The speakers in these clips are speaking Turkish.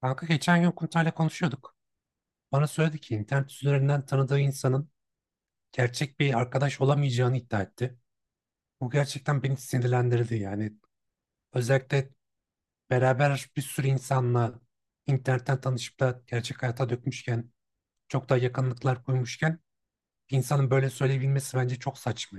Kanka geçen gün Kurtay'la konuşuyorduk. Bana söyledi ki internet üzerinden tanıdığı insanın gerçek bir arkadaş olamayacağını iddia etti. Bu gerçekten beni sinirlendirdi yani. Özellikle beraber bir sürü insanla internetten tanışıp da gerçek hayata dökmüşken, çok daha yakınlıklar kurmuşken bir insanın böyle söyleyebilmesi bence çok saçma.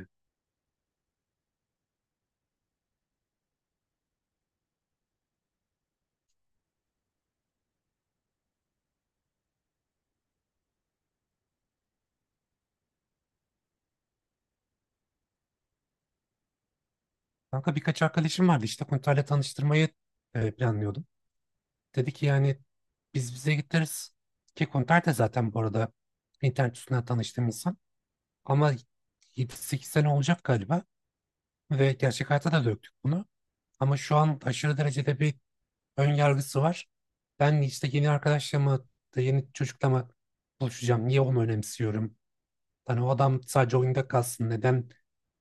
Kanka birkaç arkadaşım vardı işte Kurtay'la tanıştırmayı planlıyordum. Dedi ki yani biz bize gideriz ki Kurtay da zaten bu arada internet üstünden tanıştığım insan. Ama 7-8 sene olacak galiba ve gerçek hayata da döktük bunu. Ama şu an aşırı derecede bir ön yargısı var. Ben işte yeni arkadaşla mı, yeni çocukla mı buluşacağım? Niye onu önemsiyorum? Hani o adam sadece oyunda kalsın. Neden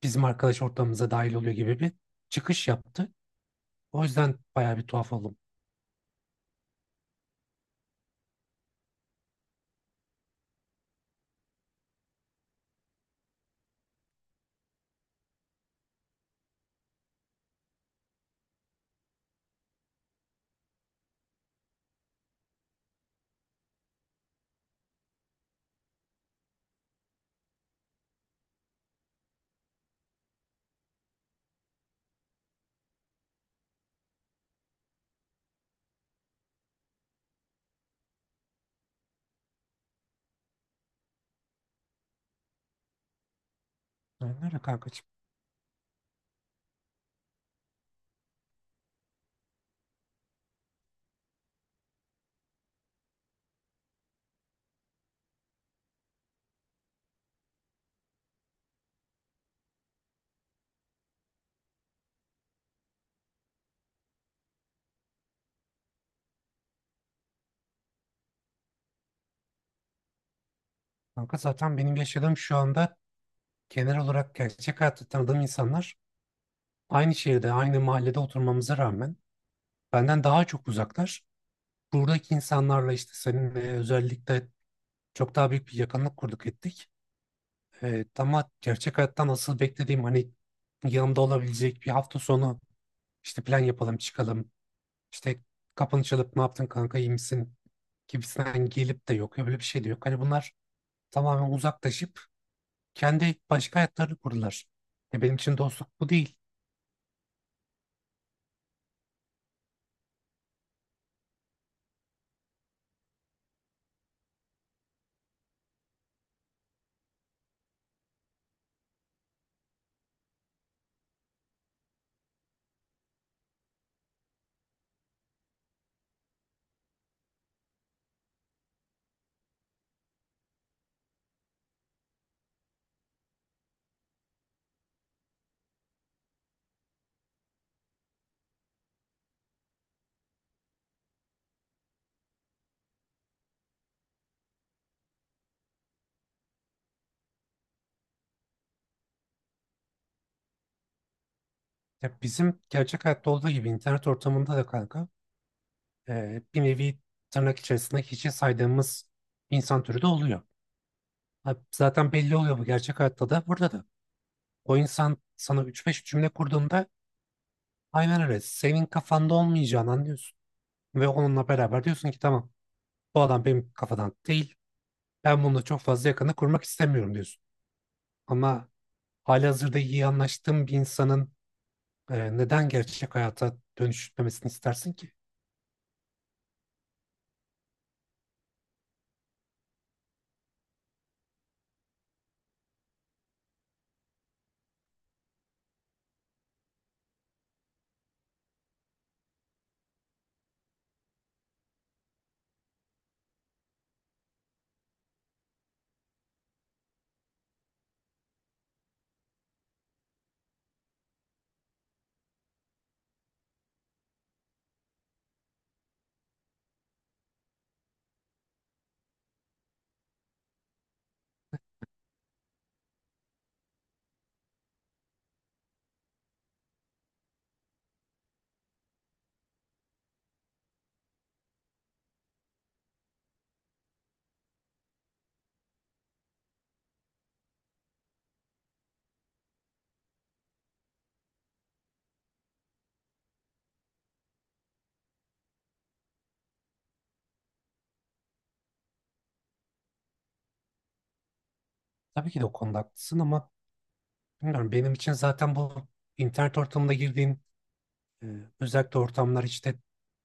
bizim arkadaş ortamımıza dahil oluyor gibi bir çıkış yaptı. O yüzden bayağı bir tuhaf oldum. Aynen öyle kankacığım. Kanka zaten benim yaşadığım şu anda genel olarak gerçek hayatta tanıdığım insanlar aynı şehirde, aynı mahallede oturmamıza rağmen benden daha çok uzaklar. Buradaki insanlarla işte seninle özellikle çok daha büyük bir yakınlık kurduk ettik. Ama gerçek hayattan asıl beklediğim hani yanımda olabilecek bir hafta sonu işte plan yapalım çıkalım. İşte kapını çalıp ne yaptın kanka iyi misin gibisinden gelip de yok. Öyle bir şey de yok. Hani bunlar tamamen uzaklaşıp kendi başka hayatlarını kurdular. Ya benim için dostluk bu değil. Ya bizim gerçek hayatta olduğu gibi internet ortamında da kanka bir nevi tırnak içerisinde hiçe saydığımız insan türü de oluyor. Ha, zaten belli oluyor bu gerçek hayatta da burada da. O insan sana 3-5 cümle kurduğunda aynen öyle senin kafanda olmayacağını anlıyorsun. Ve onunla beraber diyorsun ki tamam bu adam benim kafadan değil. Ben bununla çok fazla yakını kurmak istemiyorum diyorsun. Ama halihazırda iyi anlaştığın bir insanın neden gerçek hayata dönüştürmemesini istersin ki? Tabii ki de o konuda haklısın ama bilmiyorum benim için zaten bu internet ortamında girdiğim Ee, özellikle ortamlar işte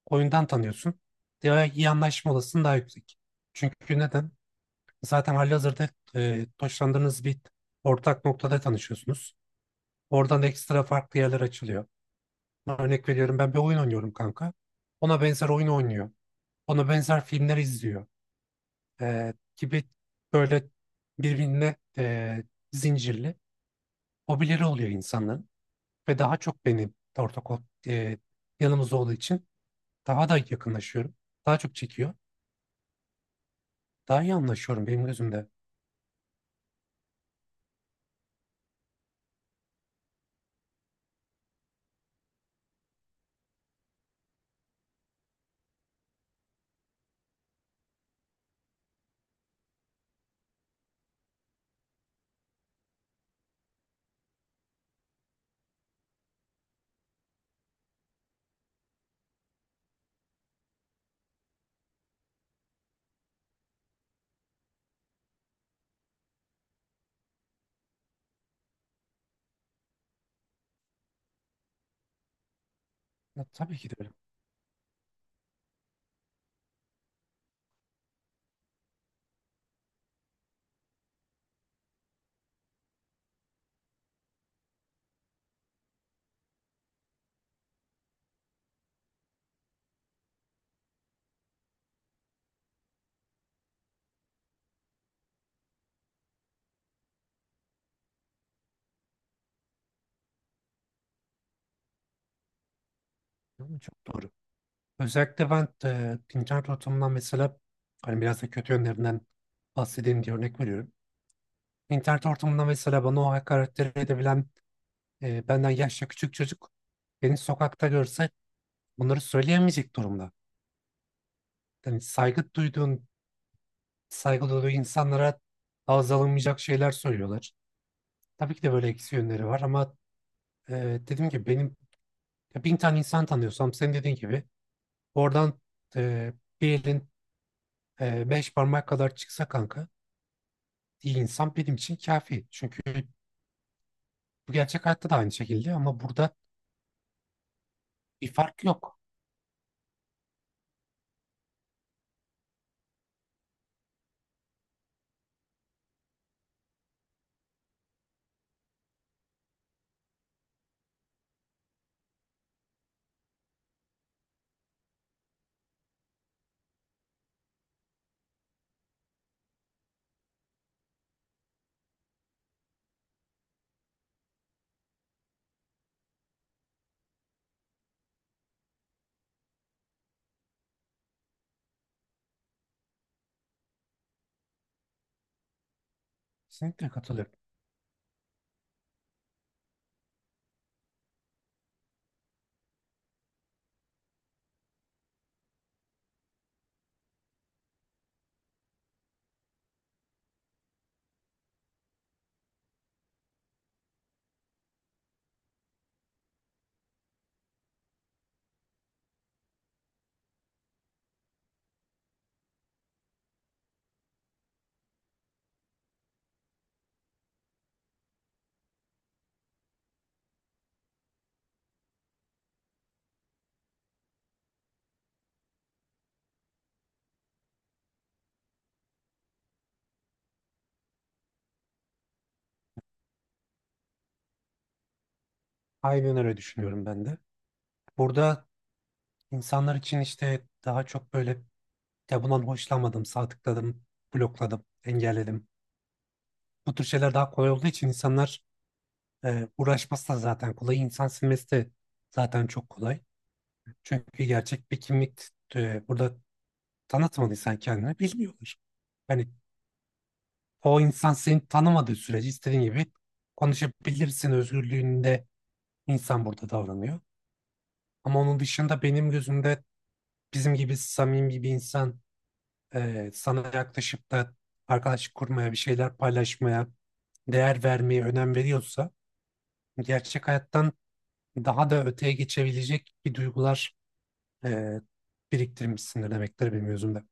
oyundan tanıyorsun. Daha iyi anlaşma olasılığın daha yüksek. Çünkü neden? Zaten halihazırda hoşlandığınız bir ortak noktada tanışıyorsunuz. Oradan da ekstra farklı yerler açılıyor. Örnek veriyorum ben bir oyun oynuyorum kanka. Ona benzer oyun oynuyor. Ona benzer filmler izliyor. Gibi böyle birbirine zincirli hobileri oluyor insanların. Ve daha çok benim ortak e, yanımız olduğu için daha da yakınlaşıyorum. Daha çok çekiyor. Daha iyi anlaşıyorum benim gözümde. Ya, tabii ki de öyle. Yani çok doğru. Özellikle ben internet ortamından mesela hani biraz da kötü yönlerinden bahsedeyim diye örnek veriyorum. İnternet ortamında mesela bana o hakaretleri edebilen benden yaşça küçük çocuk beni sokakta görse bunları söyleyemeyecek durumda. Yani saygı duyduğun, saygı duyduğu insanlara ağız alınmayacak şeyler söylüyorlar. Tabii ki de böyle eksi yönleri var ama e, dediğim gibi benim ya 1000 tane insan tanıyorsam senin dediğin gibi oradan e, bir elin beş parmak kadar çıksa kanka iyi insan benim için kafi. Çünkü bu gerçek hayatta da aynı şekilde ama burada bir fark yok. Kesinlikle katılıyorum. Aynen öyle düşünüyorum ben de. Burada insanlar için işte daha çok böyle ya bundan hoşlanmadım, sağ tıkladım, blokladım, engelledim. Bu tür şeyler daha kolay olduğu için insanlar uğraşması da zaten kolay. İnsan silmesi de zaten çok kolay. Çünkü gerçek bir kimlik burada tanıtmadıysan kendini bilmiyorlar. Yani o insan seni tanımadığı sürece istediğin gibi konuşabilirsin özgürlüğünde insan burada davranıyor. Ama onun dışında benim gözümde bizim gibi samimi bir insan sana yaklaşıp da arkadaşlık kurmaya, bir şeyler paylaşmaya, değer vermeye önem veriyorsa gerçek hayattan daha da öteye geçebilecek bir duygular e, biriktirmişsindir demektir bir mevzumda.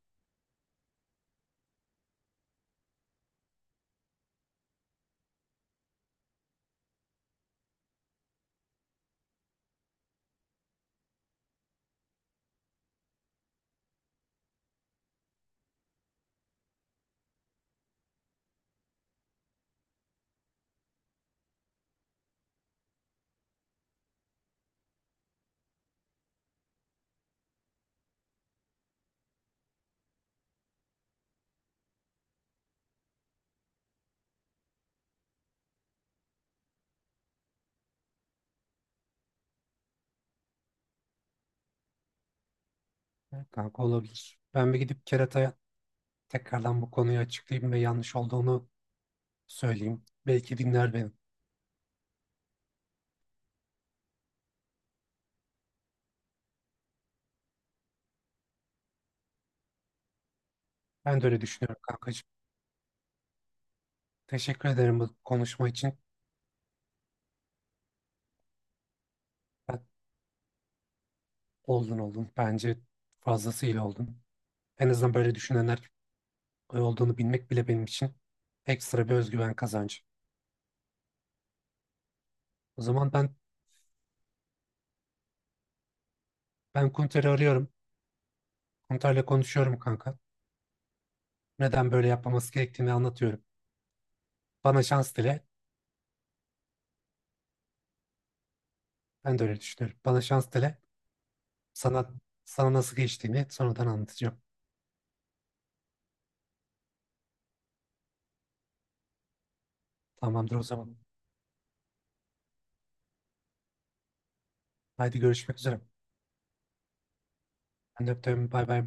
Evet. Kanka olabilir. Ben bir gidip Kerata'ya tekrardan bu konuyu açıklayayım ve yanlış olduğunu söyleyeyim. Belki dinler beni. Ben de öyle düşünüyorum kankacığım. Teşekkür ederim bu konuşma için. Ben oldun oldun. Bence fazlasıyla oldun. En azından böyle düşünenler olduğunu bilmek bile benim için ekstra bir özgüven kazancı. O zaman ben Kunter'i arıyorum. Kunter'le konuşuyorum kanka. Neden böyle yapmaması gerektiğini anlatıyorum. Bana şans dile. Ben de öyle düşünüyorum. Bana şans dile. Sana sana nasıl geçtiğini sonradan anlatacağım. Tamamdır o zaman. Haydi görüşmek üzere. Ben de öptüm. Bay bay.